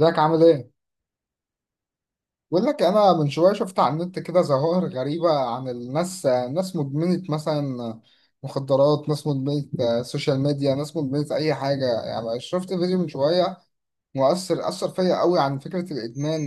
ازيك عامل ايه؟ بقول لك انا من شويه شفت على النت كده ظواهر غريبه عن الناس، ناس مدمنه مثلا مخدرات، ناس مدمنه سوشيال ميديا، ناس مدمنه اي حاجه. يعني شفت فيديو من شويه مؤثر اثر فيا قوي عن فكره الادمان.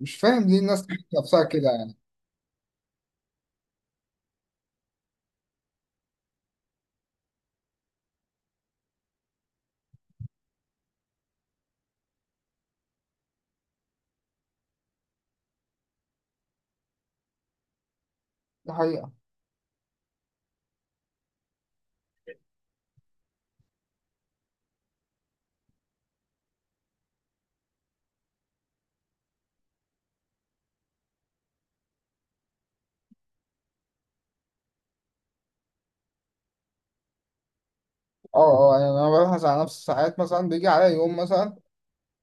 مش فاهم ليه الناس نفسها كده يعني. دي حقيقه. اه اه، يعني انا ببحث عن نفسي ساعات، مثلا بيجي عليا يوم مثلا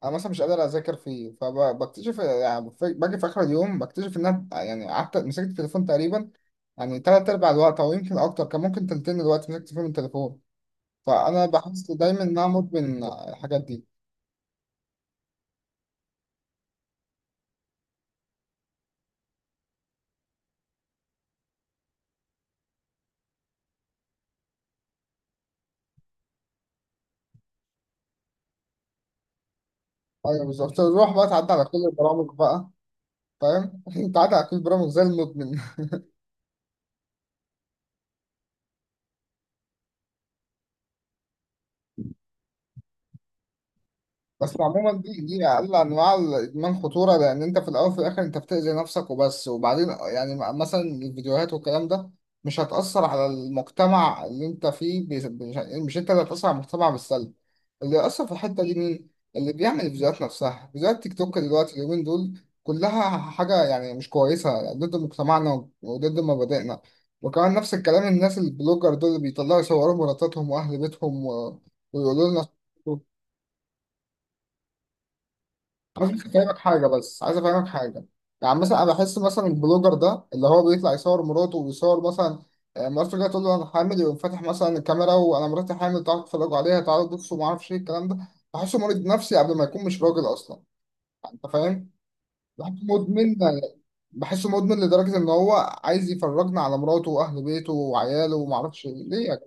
انا مثلا مش قادر اذاكر فيه، فبكتشف يعني باجي في اخر اليوم بكتشف ان انا يعني قعدت مسكت التليفون تقريبا يعني تلات ارباع الوقت او يمكن اكتر، كان ممكن تلتين الوقت مسكت فيه من التليفون. فانا بحس دايما ان انا مدمن الحاجات دي. ايوه بالظبط، تروح بقى تعدي على كل البرامج بقى. فاهم تعدي على كل البرامج زي المدمن. بس عموما دي اقل انواع الادمان خطوره، لان انت في الاول وفي الاخر انت بتاذي نفسك وبس. وبعدين يعني مثلا الفيديوهات والكلام ده مش هتاثر على المجتمع اللي انت فيه. مش انت اللي هتاثر على المجتمع بالسلب. اللي يأثر في الحته دي مين؟ اللي بيعمل الفيديوهات نفسها، فيديوهات تيك توك دلوقتي اليومين دول كلها حاجه يعني مش كويسه، ضد مجتمعنا وضد مبادئنا. وكمان نفس الكلام، الناس البلوجر دول اللي بيطلعوا يصوروا مراتاتهم واهل بيتهم ويقولوا لنا. عايز بس افهمك حاجه، بس عايز افهمك حاجه. يعني مثلا انا بحس مثلا البلوجر ده اللي هو بيطلع يصور مراته ويصور مثلا، مراته جايه تقول له انا حامل، يقوم فاتح مثلا الكاميرا وانا مراتي حامل، تعالوا تتفرجوا عليها، تعالوا بصوا، ما اعرفش ايه الكلام ده. بحسه مريض نفسي قبل ما يكون، مش راجل اصلا. يعني انت فاهم. بحسه مدمن. بحسه مدمن لدرجه ان هو عايز يفرجنا على مراته واهل بيته وعياله، وما اعرفش ايه. ليه يا جدع؟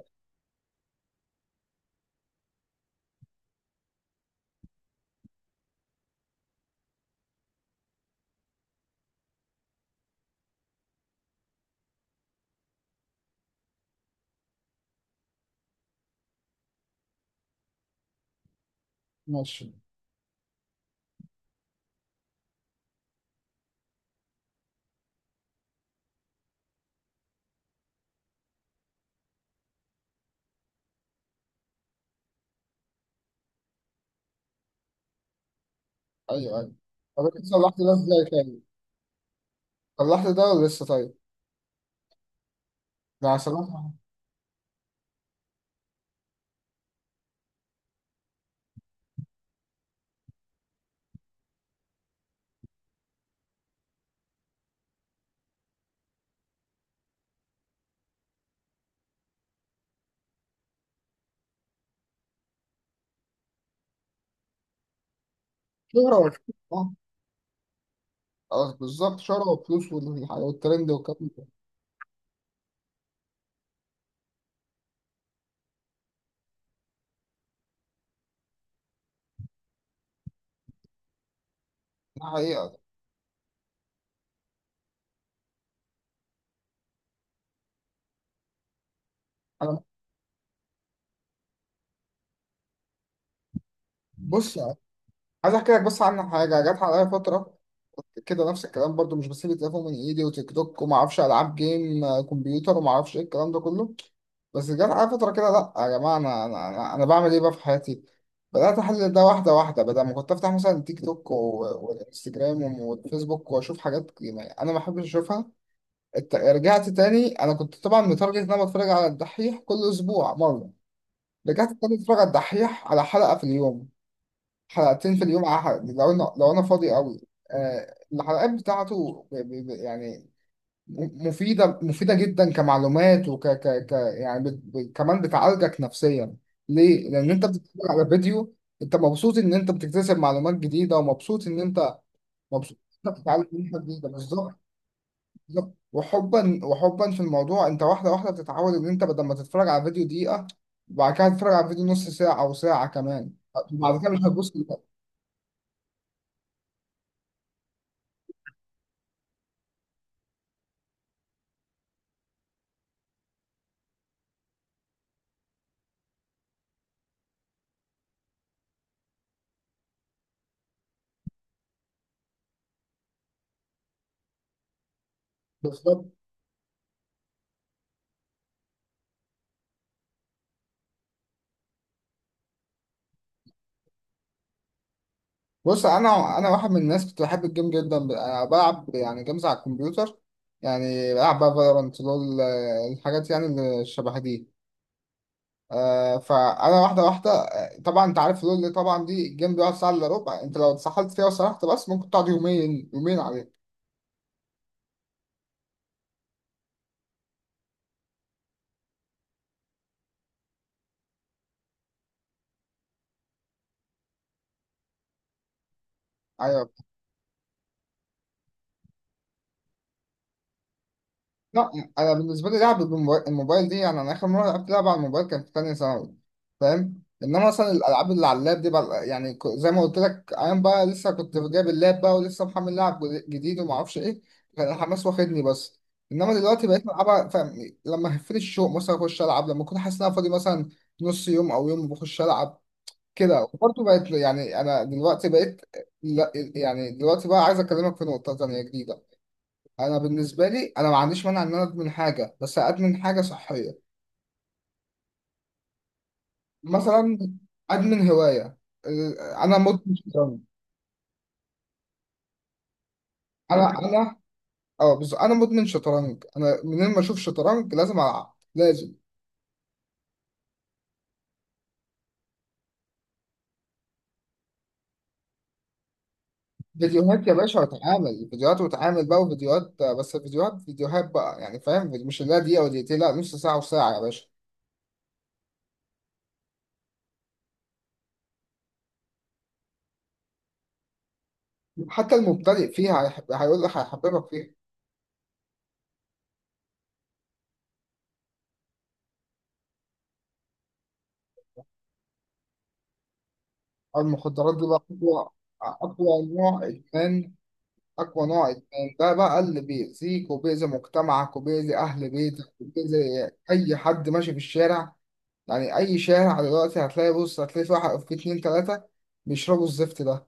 ماشي. ايوه ايوه. طب انت صلحت ده ازاي تاني؟ صلحت ده ولا لسه طيب؟ ده صلحت؟ شهرة ولا شهرة؟ اه بالظبط، شهرة وفلوس والترند والكلام ده. ده حقيقة. أنا، بص عايز أحكي لك بس عن حاجة جت عليا فترة كده، نفس الكلام برضو مش بسيب التليفون من إيدي، وتيك توك وما أعرفش ألعاب جيم كمبيوتر وما أعرفش إيه الكلام ده كله. بس جت عليا فترة كده، لأ يا جماعة، أنا بعمل إيه بقى في حياتي؟ بدأت أحلل ده واحدة واحدة، بدل ما كنت أفتح مثلا تيك توك والإنستجرام والفيسبوك وأشوف حاجات يعني أنا ما بحبش أشوفها. رجعت تاني. أنا كنت طبعا متارجت إن أنا بتفرج على الدحيح كل أسبوع مرة. رجعت ابتديت اتفرج على الدحيح على حلقة في اليوم، حلقتين في اليوم أحد لو أنا فاضي قوي. آه، الحلقات بتاعته يعني مفيدة مفيدة جدا كمعلومات، وك ك ك يعني كمان بتعالجك نفسيا. ليه؟ لأن أنت بتتفرج على فيديو، أنت مبسوط إن أنت بتكتسب معلومات جديدة، ومبسوط إن أنت مبسوط إن أنت بتتعلم منها جديدة بالظبط. بالظبط. وحبا في الموضوع، انت واحده واحده بتتعود ان انت بدل ما تتفرج على فيديو دقيقه، بعد كده هتتفرج على فيديو نص ساعه او ساعه كمان. بعد كده مش هتبص لده. بالظبط. بص انا واحد من الناس كنت بحب الجيم جدا، أنا بلعب يعني جيمز على الكمبيوتر. يعني بلعب بقى فالورانت لول، الحاجات يعني اللي شبه دي. فانا واحده واحده، طبعا انت عارف لول اللي طبعا دي، الجيم بيقعد ساعه الا ربع، انت لو اتسحلت فيها وسرحت بس ممكن تقعد يومين يومين عليه. ايوه. لا، انا بالنسبه لي لعب بالموبايل الموبايل دي، يعني انا اخر مره لعبت لعبه على الموبايل كان في تانية ثانوي. فاهم. انما مثلا الالعاب اللي على اللاب دي بقى، يعني زي ما قلت لك، ايام بقى لسه كنت جايب اللاب بقى ولسه محمل لعب جديد وما اعرفش ايه، كان الحماس واخدني بس. انما دلوقتي بقيت العبها، فاهم، لما هفيت الشوق مثلا اخش العب، لما اكون حاسس ان انا فاضي مثلا نص يوم او يوم بخش العب كده. وبرضه بقيت يعني انا دلوقتي بقيت. لا يعني دلوقتي بقى عايز اكلمك في نقطه تانية جديده. انا بالنسبه لي، انا ما عنديش مانع ان انا ادمن حاجه، بس ادمن حاجه صحيه. مثلا ادمن هوايه، انا مدمن شطرنج. انا انا اه بص انا مدمن شطرنج، انا منين ما اشوف شطرنج لازم العب لازم. فيديوهات يا باشا، واتعامل فيديوهات، واتعامل بقى وفيديوهات، بس فيديوهات فيديوهات بقى، يعني فاهم، مش اللي هي دقيقه ودقيقتين، لا نص ساعه وساعه يا باشا. حتى المبتدئ فيها هيقول لك هيحببك فيها. المخدرات دي بقى اقوى. اقوى نوع ادمان. أقوى نوع إدمان ده بقى اللي بيأذيك وبيأذي مجتمعك وبيأذي أهل بيتك وبيأذي أي حد ماشي في الشارع. يعني أي شارع دلوقتي هتلاقي، بص هتلاقي في واحد في اتنين تلاتة بيشربوا الزفت ده.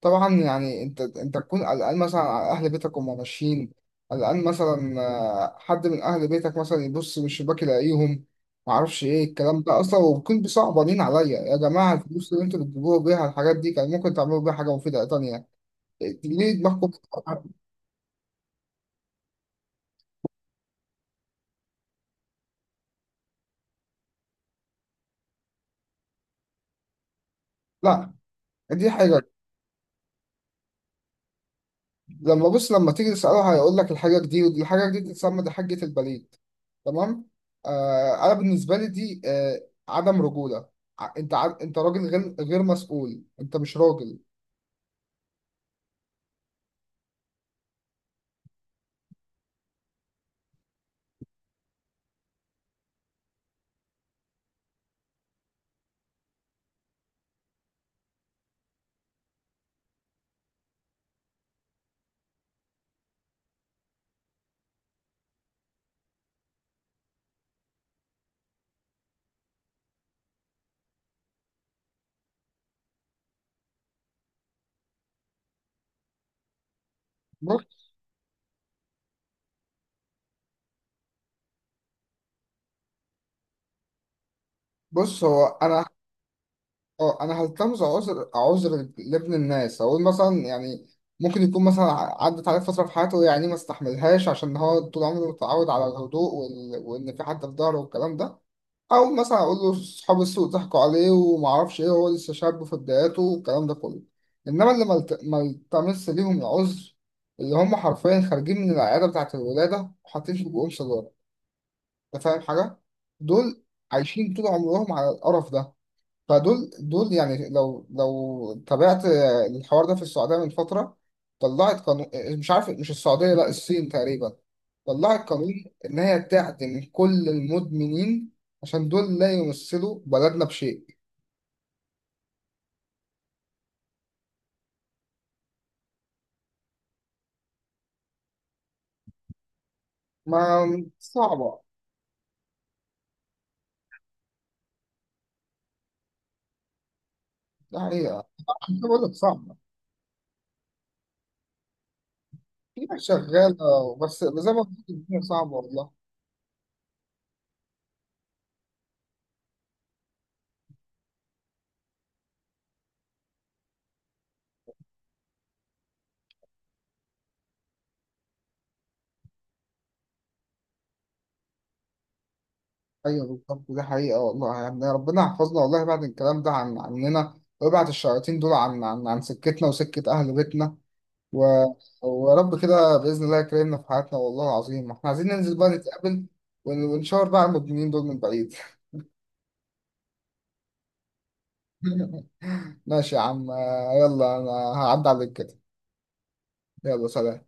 طبعا يعني أنت تكون قلقان مثلا على أهل بيتك وهم ماشيين، قلقان مثلا، حد من أهل بيتك مثلا يبص من الشباك يلاقيهم، معرفش إيه الكلام ده أصلا. وبكون بصعبانين عليا، يا جماعة الفلوس اللي أنتوا بتجيبوها بيها الحاجات دي كان ممكن تعملوا بيها حاجة مفيدة تانية. ليه دماغكم؟ لا دي حاجة. لما بص لما تيجي تسأله هيقول لك الحاجة دي، ودي الحاجة دي تتسمى دي حاجة البليد. تمام. أنا بالنسبة لي دي، عدم رجولة. أنت أنت راجل، غير مسؤول، أنت مش راجل. بص بص هو أنا، آه أنا هلتمس عذر لابن الناس، أقول مثلا يعني ممكن يكون مثلا عدت عليه فترة في حياته، يعني ما استحملهاش عشان هو طول عمره متعود على الهدوء، وإن في حد في ظهره والكلام ده، او مثلا اقول له اصحاب السوق ضحكوا عليه وما اعرفش ايه، هو لسه شاب في بداياته والكلام ده كله. انما اللي ما التمس ليهم العذر، اللي هم حرفيا خارجين من العياده بتاعه الولاده وحاطين في بقهم سيجاره. انت فاهم حاجه، دول عايشين طول عمرهم على القرف ده. فدول يعني، لو تابعت الحوار ده في السعوديه من فتره طلعت قانون، مش عارف، مش السعوديه، لا الصين تقريبا، طلعت قانون إن هي تعدم كل المدمنين، عشان دول لا يمثلوا بلدنا بشيء. ما صعبة، يعني أنا بقول لك صعبة. في ناس شغالة، بس زي ما قلت الدنيا صعبة والله. أيوه بالظبط دي حقيقة والله. يعني ربنا يحفظنا والله بعد الكلام ده عننا، ويبعد الشياطين دول عن سكتنا وسكة أهل بيتنا، و... ورب كده بإذن الله يكرمنا في حياتنا والله العظيم. إحنا عايزين ننزل بقى نتقابل ونشاور بقى على المدمنين دول من بعيد. ماشي يا عم، يلا انا هعدي عليك كده. يلا سلام.